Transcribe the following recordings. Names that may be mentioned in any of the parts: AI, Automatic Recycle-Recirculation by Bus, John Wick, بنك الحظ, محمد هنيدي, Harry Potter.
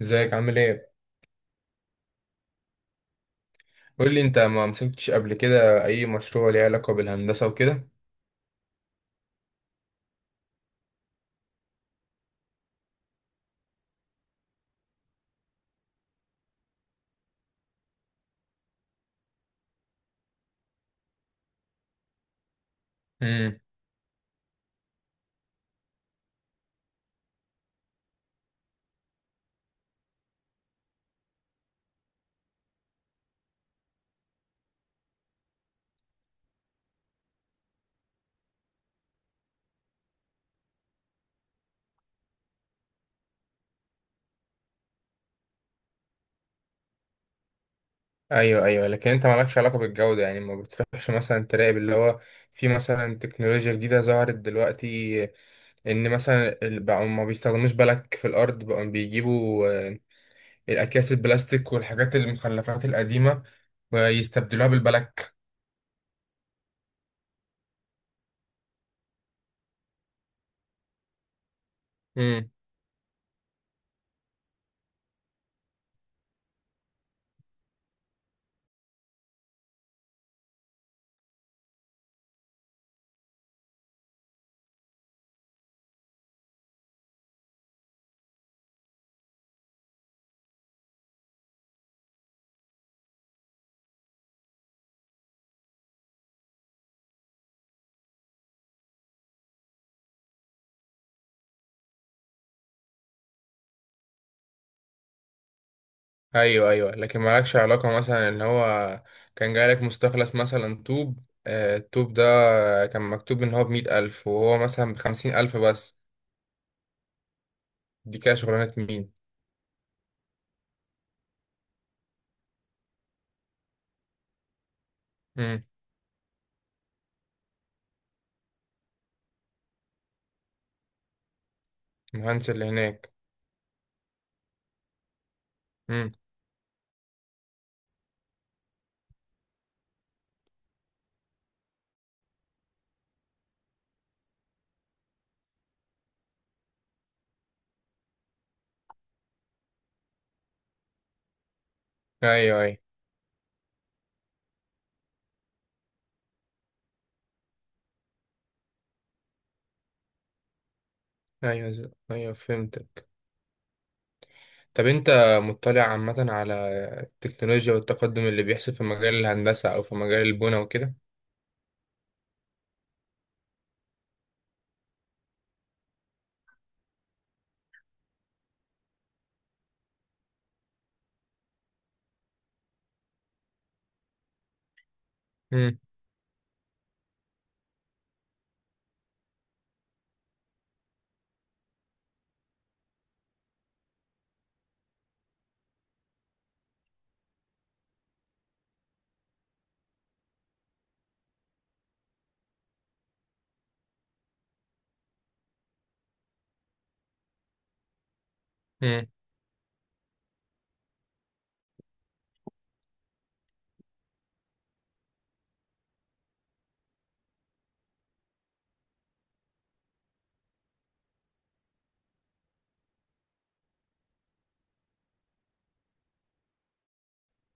ازيك، عامل ايه؟ قول لي، انت ما مسكتش قبل كده اي مشروع ليه علاقه بالهندسه وكده؟ امم. ايوه، ايوه، لكن انت مالكش علاقه بالجوده؟ يعني ما بتروحش مثلا تراقب اللي هو في مثلا تكنولوجيا جديده ظهرت دلوقتي، ان مثلا بقوا ما بيستخدموش بلك في الارض، بقوا بيجيبوا الاكياس البلاستيك والحاجات المخلفات القديمه ويستبدلوها بالبلك. ايوه، ايوه، لكن مالكش علاقه مثلا ان هو كان جايلك مستخلص مثلا طوب. الطوب ده كان مكتوب ان هو ب100 ألف وهو مثلا ب50 ألف بس. دي كده شغلانه مين؟ مم. المهندس اللي هناك. مم. ايوه، ايوه. ايوه، ايوه فهمتك. طب انت مطلع عامه على التكنولوجيا والتقدم اللي بيحصل في مجال الهندسه او في مجال البنى وكده؟ مم. مم.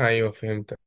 ايوه، فهمتك.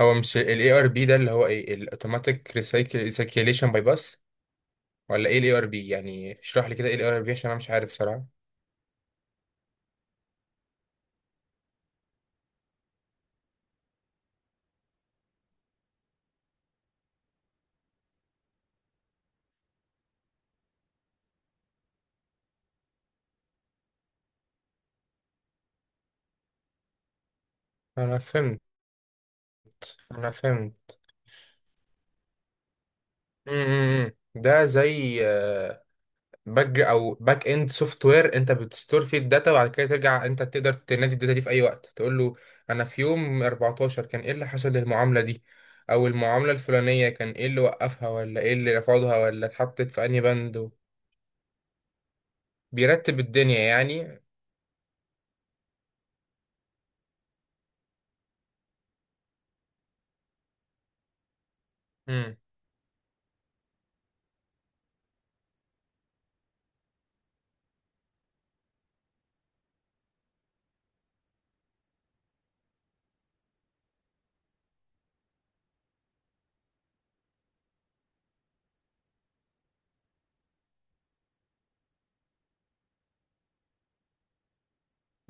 هو مش ال ARB ده اللي هو ايه؟ ال Automatic Recirculation by Bus؟ ولا ايه الاي ار بي؟ يعني اشرح لي كده ايه الاي ار بي، عشان انا مش عارف صراحة. انا فهمت. انا فهمت. ده زي باك اند سوفت وير. انت بتستور فيه الداتا وبعد كده ترجع انت تقدر تنادي الداتا دي في اي وقت، تقول له انا في يوم 14 كان ايه اللي حصل للمعاملة دي، او المعاملة الفلانية كان ايه اللي وقفها ولا ايه اللي رفضها ولا اتحطت في انهي بند بيرتب الدنيا يعني. امم.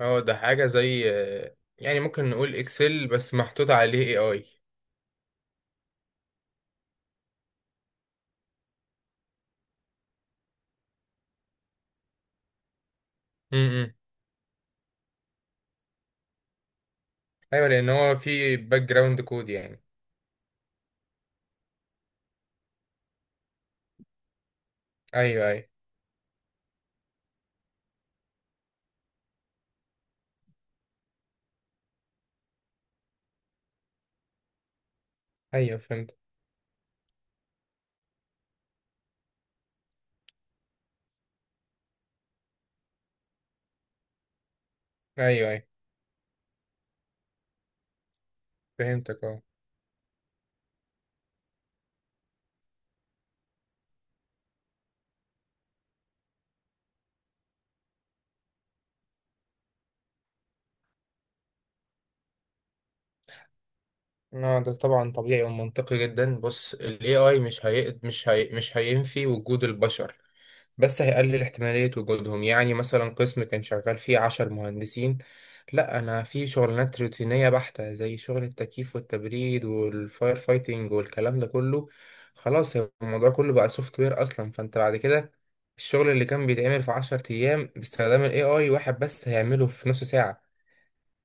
هو ده حاجة زي يعني ممكن نقول اكسل بس محطوط عليه اي. اي، ايوه، لان هو في باك جراوند كود يعني. ايوه، ايوه، ايوه، فهمت. ايوه، ايوه، فهمتك، اه. اه، ده طبعا طبيعي ومنطقي جدا. بص ال AI مش هينفي وجود البشر، بس هيقلل احتمالية وجودهم. يعني مثلا قسم كان شغال فيه 10 مهندسين، لا، أنا في شغلانات روتينية بحتة زي شغل التكييف والتبريد والفاير فايتنج والكلام ده كله، خلاص هو الموضوع كله بقى سوفت وير أصلا، فأنت بعد كده الشغل اللي كان بيتعمل في 10 أيام باستخدام ال AI واحد بس هيعمله في نص ساعة.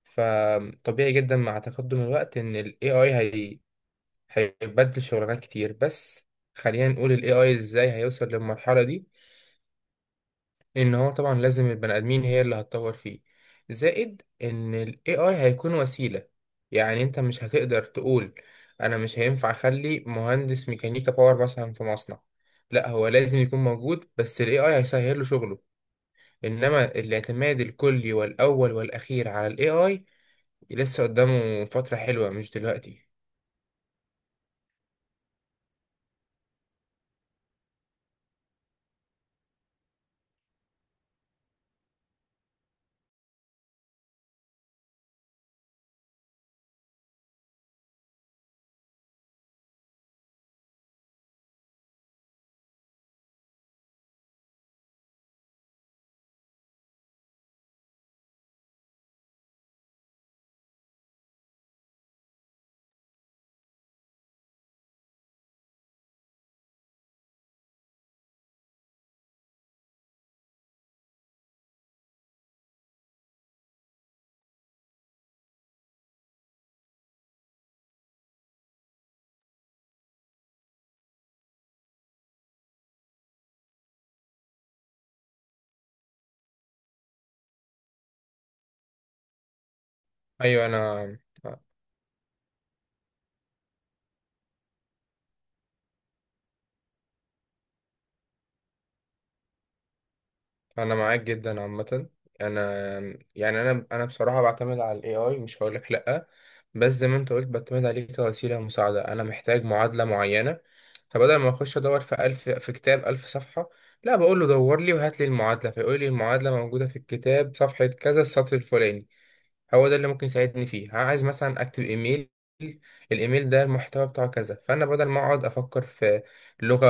فطبيعي جدا مع تقدم الوقت إن ال AI هيبدل شغلانات كتير. بس خلينا نقول ال AI إزاي هيوصل للمرحلة دي؟ ان هو طبعا لازم البني ادمين هي اللي هتطور فيه، زائد ان ال AI هيكون وسيلة. يعني انت مش هتقدر تقول انا مش هينفع اخلي مهندس ميكانيكا باور مثلا في مصنع، لا هو لازم يكون موجود بس ال AI هيسهل له شغله. انما الاعتماد الكلي والاول والاخير على ال AI لسه قدامه فترة حلوة، مش دلوقتي. ايوه، انا معاك جدا عامه. انا، يعني انا بصراحه بعتمد على الاي اي، مش هقول لك لا. بس زي ما انت قلت، بعتمد عليه كوسيله مساعده. انا محتاج معادله معينه، فبدل ما اخش ادور في الف، في كتاب 1000 صفحه، لا بقول له دور لي وهات لي المعادله، فيقول لي المعادله موجوده في الكتاب صفحه كذا السطر الفلاني. هو ده اللي ممكن يساعدني فيه. عايز مثلا اكتب ايميل، الايميل ده المحتوى بتاعه كذا، فانا بدل ما اقعد افكر في لغة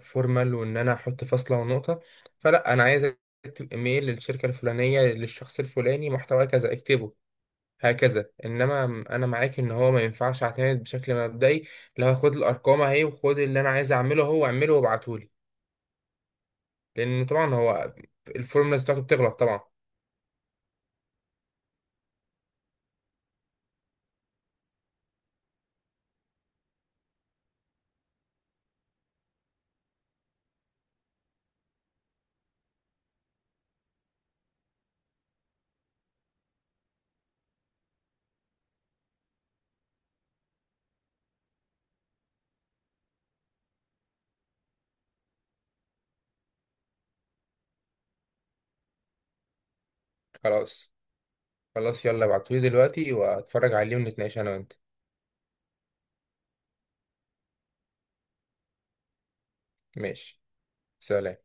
فورمال، وان انا احط فاصلة ونقطة، فلا، انا عايز اكتب ايميل للشركة الفلانية، للشخص الفلاني، محتوى كذا، اكتبه هكذا. انما انا معاك ان هو ما ينفعش اعتمد بشكل مبدئي، اللي هو خد الارقام اهي وخد اللي انا عايز اعمله، هو اعمله وابعتهولي، لان طبعا هو الفورمولا بتاعته بتغلط طبعا. خلاص. خلاص، يلا، ابعتولي دلوقتي واتفرج عليه، ونتناقش انا وانت. ماشي. سلام.